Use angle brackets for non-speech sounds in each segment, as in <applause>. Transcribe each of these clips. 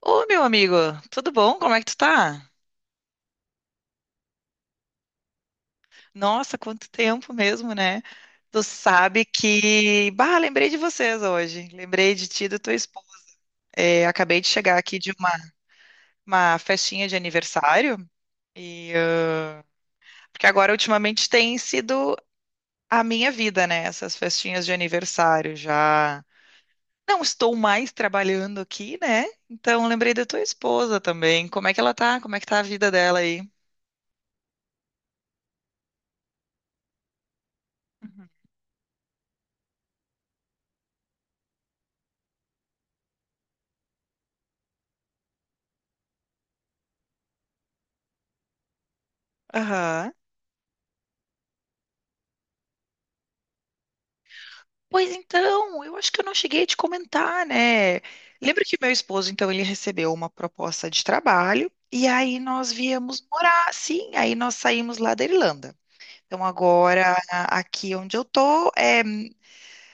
Ô, meu amigo, tudo bom? Como é que tu tá? Nossa, quanto tempo mesmo, né? Bah, lembrei de vocês hoje. Lembrei de ti e da tua esposa. É, acabei de chegar aqui de uma festinha de aniversário e... ah, porque agora, ultimamente, tem sido a minha vida, né? Essas festinhas de aniversário. Já não estou mais trabalhando aqui, né? Então, lembrei da tua esposa também. Como é que ela tá? Como é que tá a vida dela aí? Uhum. Aham. Pois então, eu acho que eu não cheguei a te comentar, né? Lembra que meu esposo, então, ele recebeu uma proposta de trabalho e aí nós viemos morar, sim, aí nós saímos lá da Irlanda. Então, agora, aqui onde eu tô, é,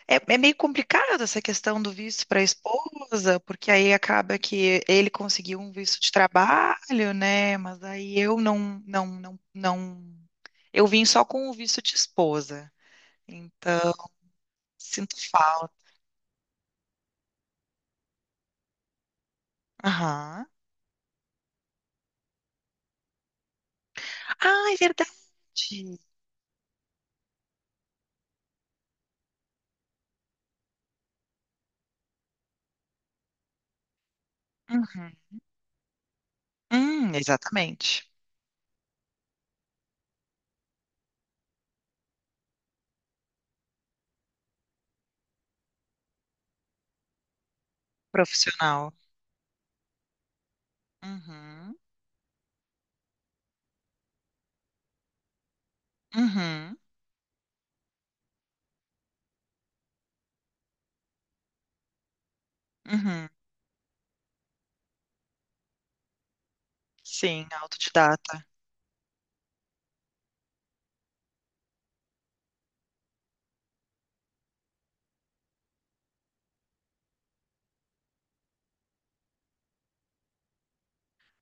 é, é meio complicado essa questão do visto para a esposa, porque aí acaba que ele conseguiu um visto de trabalho, né? Mas aí eu não, não, não, não. Eu vim só com o visto de esposa. Então, sinto falta. Aham. Ah, é verdade. Uhum. Exatamente. Profissional. Uhum. Uhum. Uhum. Sim, autodidata.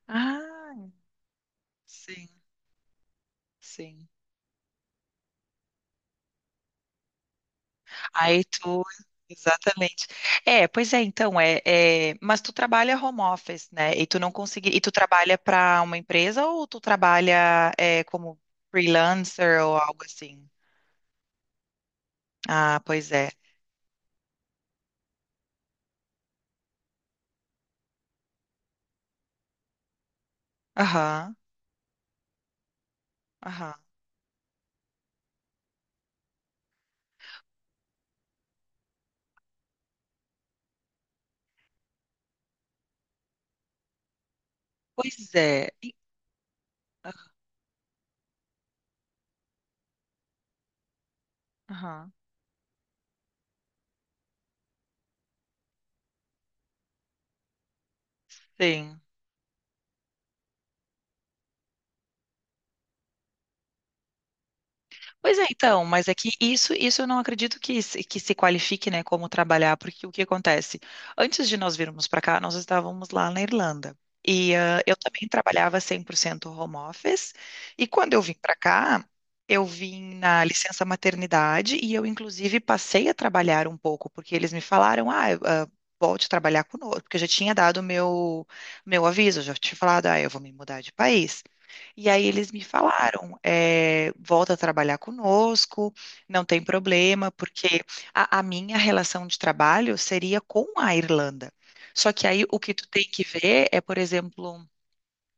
Ah, sim, sim. Aí tu, exatamente. É, pois é, então, mas tu trabalha home office, né? E tu não consegui, e tu trabalha para uma empresa ou tu trabalha como freelancer ou algo assim? Ah, pois é. Aham, aham. Pois é. Aham. Sim. Pois é, então, mas é que isso eu não acredito que, que se qualifique, né, como trabalhar, porque o que acontece? Antes de nós virmos para cá, nós estávamos lá na Irlanda. E eu também trabalhava 100% home office. E quando eu vim para cá, eu vim na licença maternidade e eu, inclusive, passei a trabalhar um pouco, porque eles me falaram, volte a trabalhar conosco, porque eu já tinha dado meu aviso, eu já tinha falado, eu vou me mudar de país. E aí eles me falaram, volta a trabalhar conosco, não tem problema, porque a minha relação de trabalho seria com a Irlanda. Só que aí o que tu tem que ver é, por exemplo,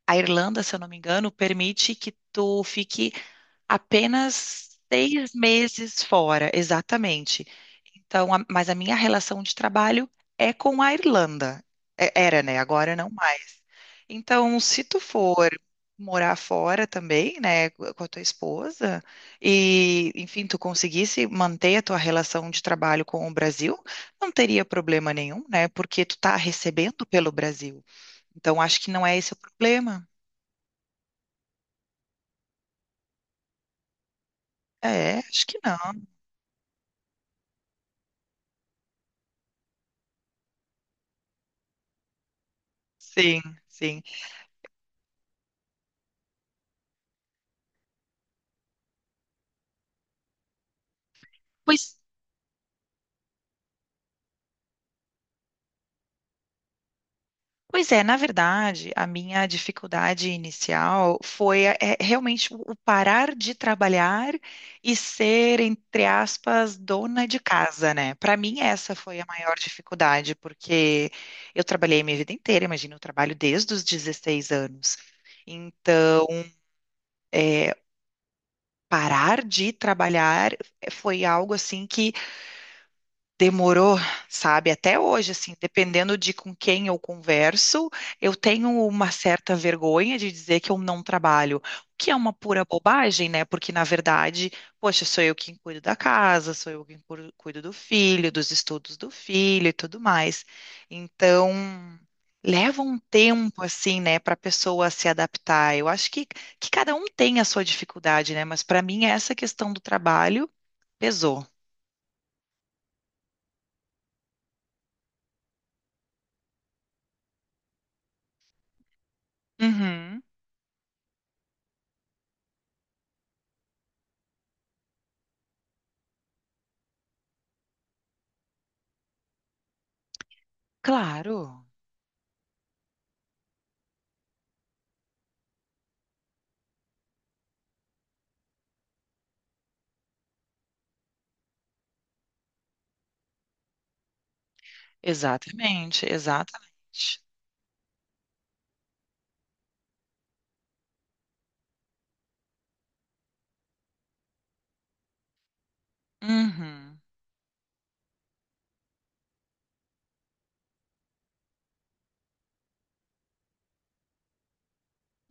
a Irlanda, se eu não me engano, permite que tu fique apenas 6 meses fora, exatamente. Então, mas a minha relação de trabalho é com a Irlanda. Era, né? Agora não mais. Então, se tu for morar fora também, né, com a tua esposa, e, enfim, tu conseguisse manter a tua relação de trabalho com o Brasil, não teria problema nenhum, né? Porque tu tá recebendo pelo Brasil. Então, acho que não é esse o problema. É, acho que não. Sim, sim. Pois Pois é, na verdade, a minha dificuldade inicial foi realmente o parar de trabalhar e ser, entre aspas, dona de casa, né? Para mim, essa foi a maior dificuldade, porque eu trabalhei a minha vida inteira, imagina, eu trabalho desde os 16 anos. Então, parar de trabalhar foi algo assim que demorou, sabe? Até hoje, assim, dependendo de com quem eu converso, eu tenho uma certa vergonha de dizer que eu não trabalho, o que é uma pura bobagem, né? Porque, na verdade, poxa, sou eu quem cuido da casa, sou eu quem cuido do filho, dos estudos do filho e tudo mais. Então, leva um tempo, assim, né, para a pessoa se adaptar. Eu acho que cada um tem a sua dificuldade, né? Mas, para mim, essa questão do trabalho pesou. Uhum. Claro, exatamente, exatamente. Uhum,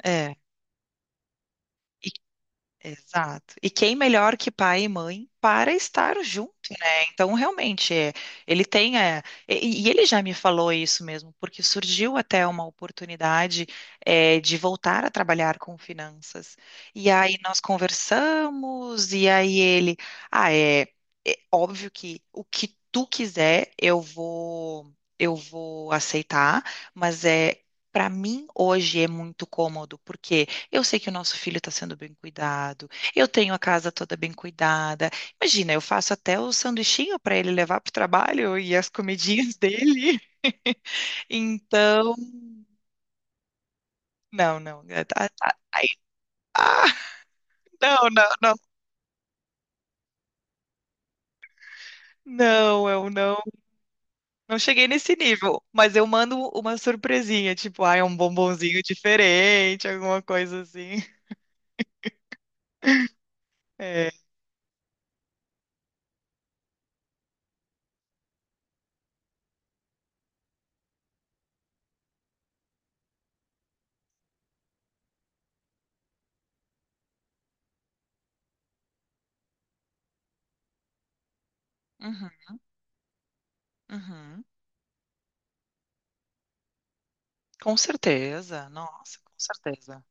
é, e- exato. E quem melhor que pai e mãe para estar né? Então, realmente, ele tem. E ele já me falou isso mesmo, porque surgiu até uma oportunidade, de voltar a trabalhar com finanças. E aí nós conversamos, e aí ele. Ah, é óbvio que o que tu quiser, eu vou aceitar, mas é. Para mim, hoje é muito cômodo, porque eu sei que o nosso filho está sendo bem cuidado, eu tenho a casa toda bem cuidada, imagina, eu faço até o sanduichinho para ele levar para o trabalho e as comidinhas dele. <laughs> Então, não, não. Ah, não, não, não. Não, eu não cheguei nesse nível, mas eu mando uma surpresinha, tipo, é um bombonzinho diferente, alguma coisa assim. É. Uhum, uhum. Com certeza, nossa, com certeza.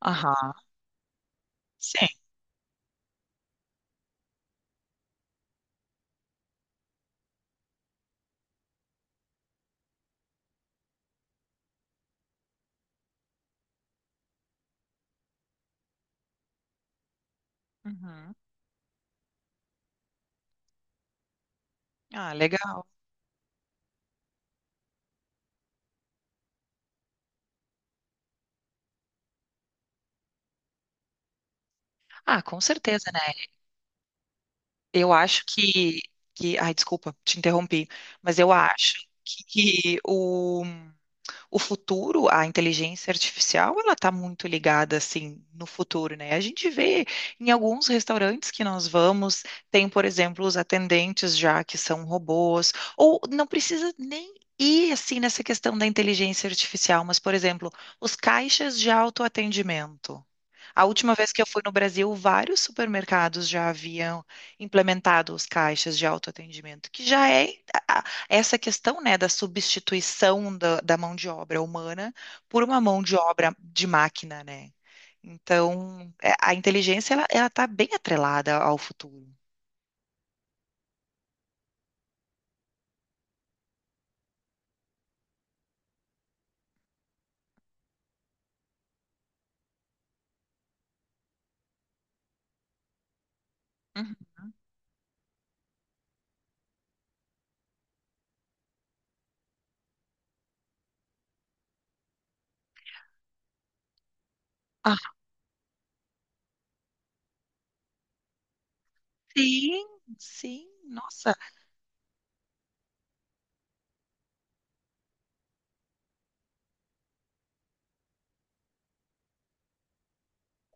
Aham, sim. Uhum. Ah, legal. Ah, com certeza. Eu acho que, que. Ai, desculpa, te interrompi. Mas eu acho que o futuro, a inteligência artificial, ela está muito ligada, assim, no futuro, né? A gente vê em alguns restaurantes que nós vamos, tem, por exemplo, os atendentes já que são robôs, ou não precisa nem ir, assim, nessa questão da inteligência artificial, mas, por exemplo, os caixas de autoatendimento. A última vez que eu fui no Brasil, vários supermercados já haviam implementado os caixas de autoatendimento, que já é a- essa questão, né, da substituição da mão de obra humana por uma mão de obra de máquina, né? Então, a inteligência, ela está bem atrelada ao futuro. Uhum. Sim, sim. Nossa,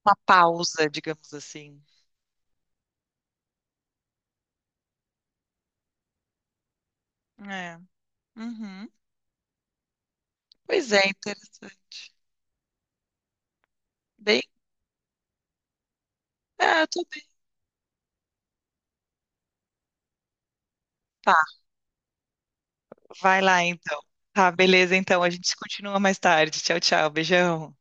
uma pausa, digamos assim. É. Uhum. Pois é, interessante. Bem, eu tô bem. Tá, vai lá então. Tá, beleza, então. A gente continua mais tarde. Tchau, tchau. Beijão.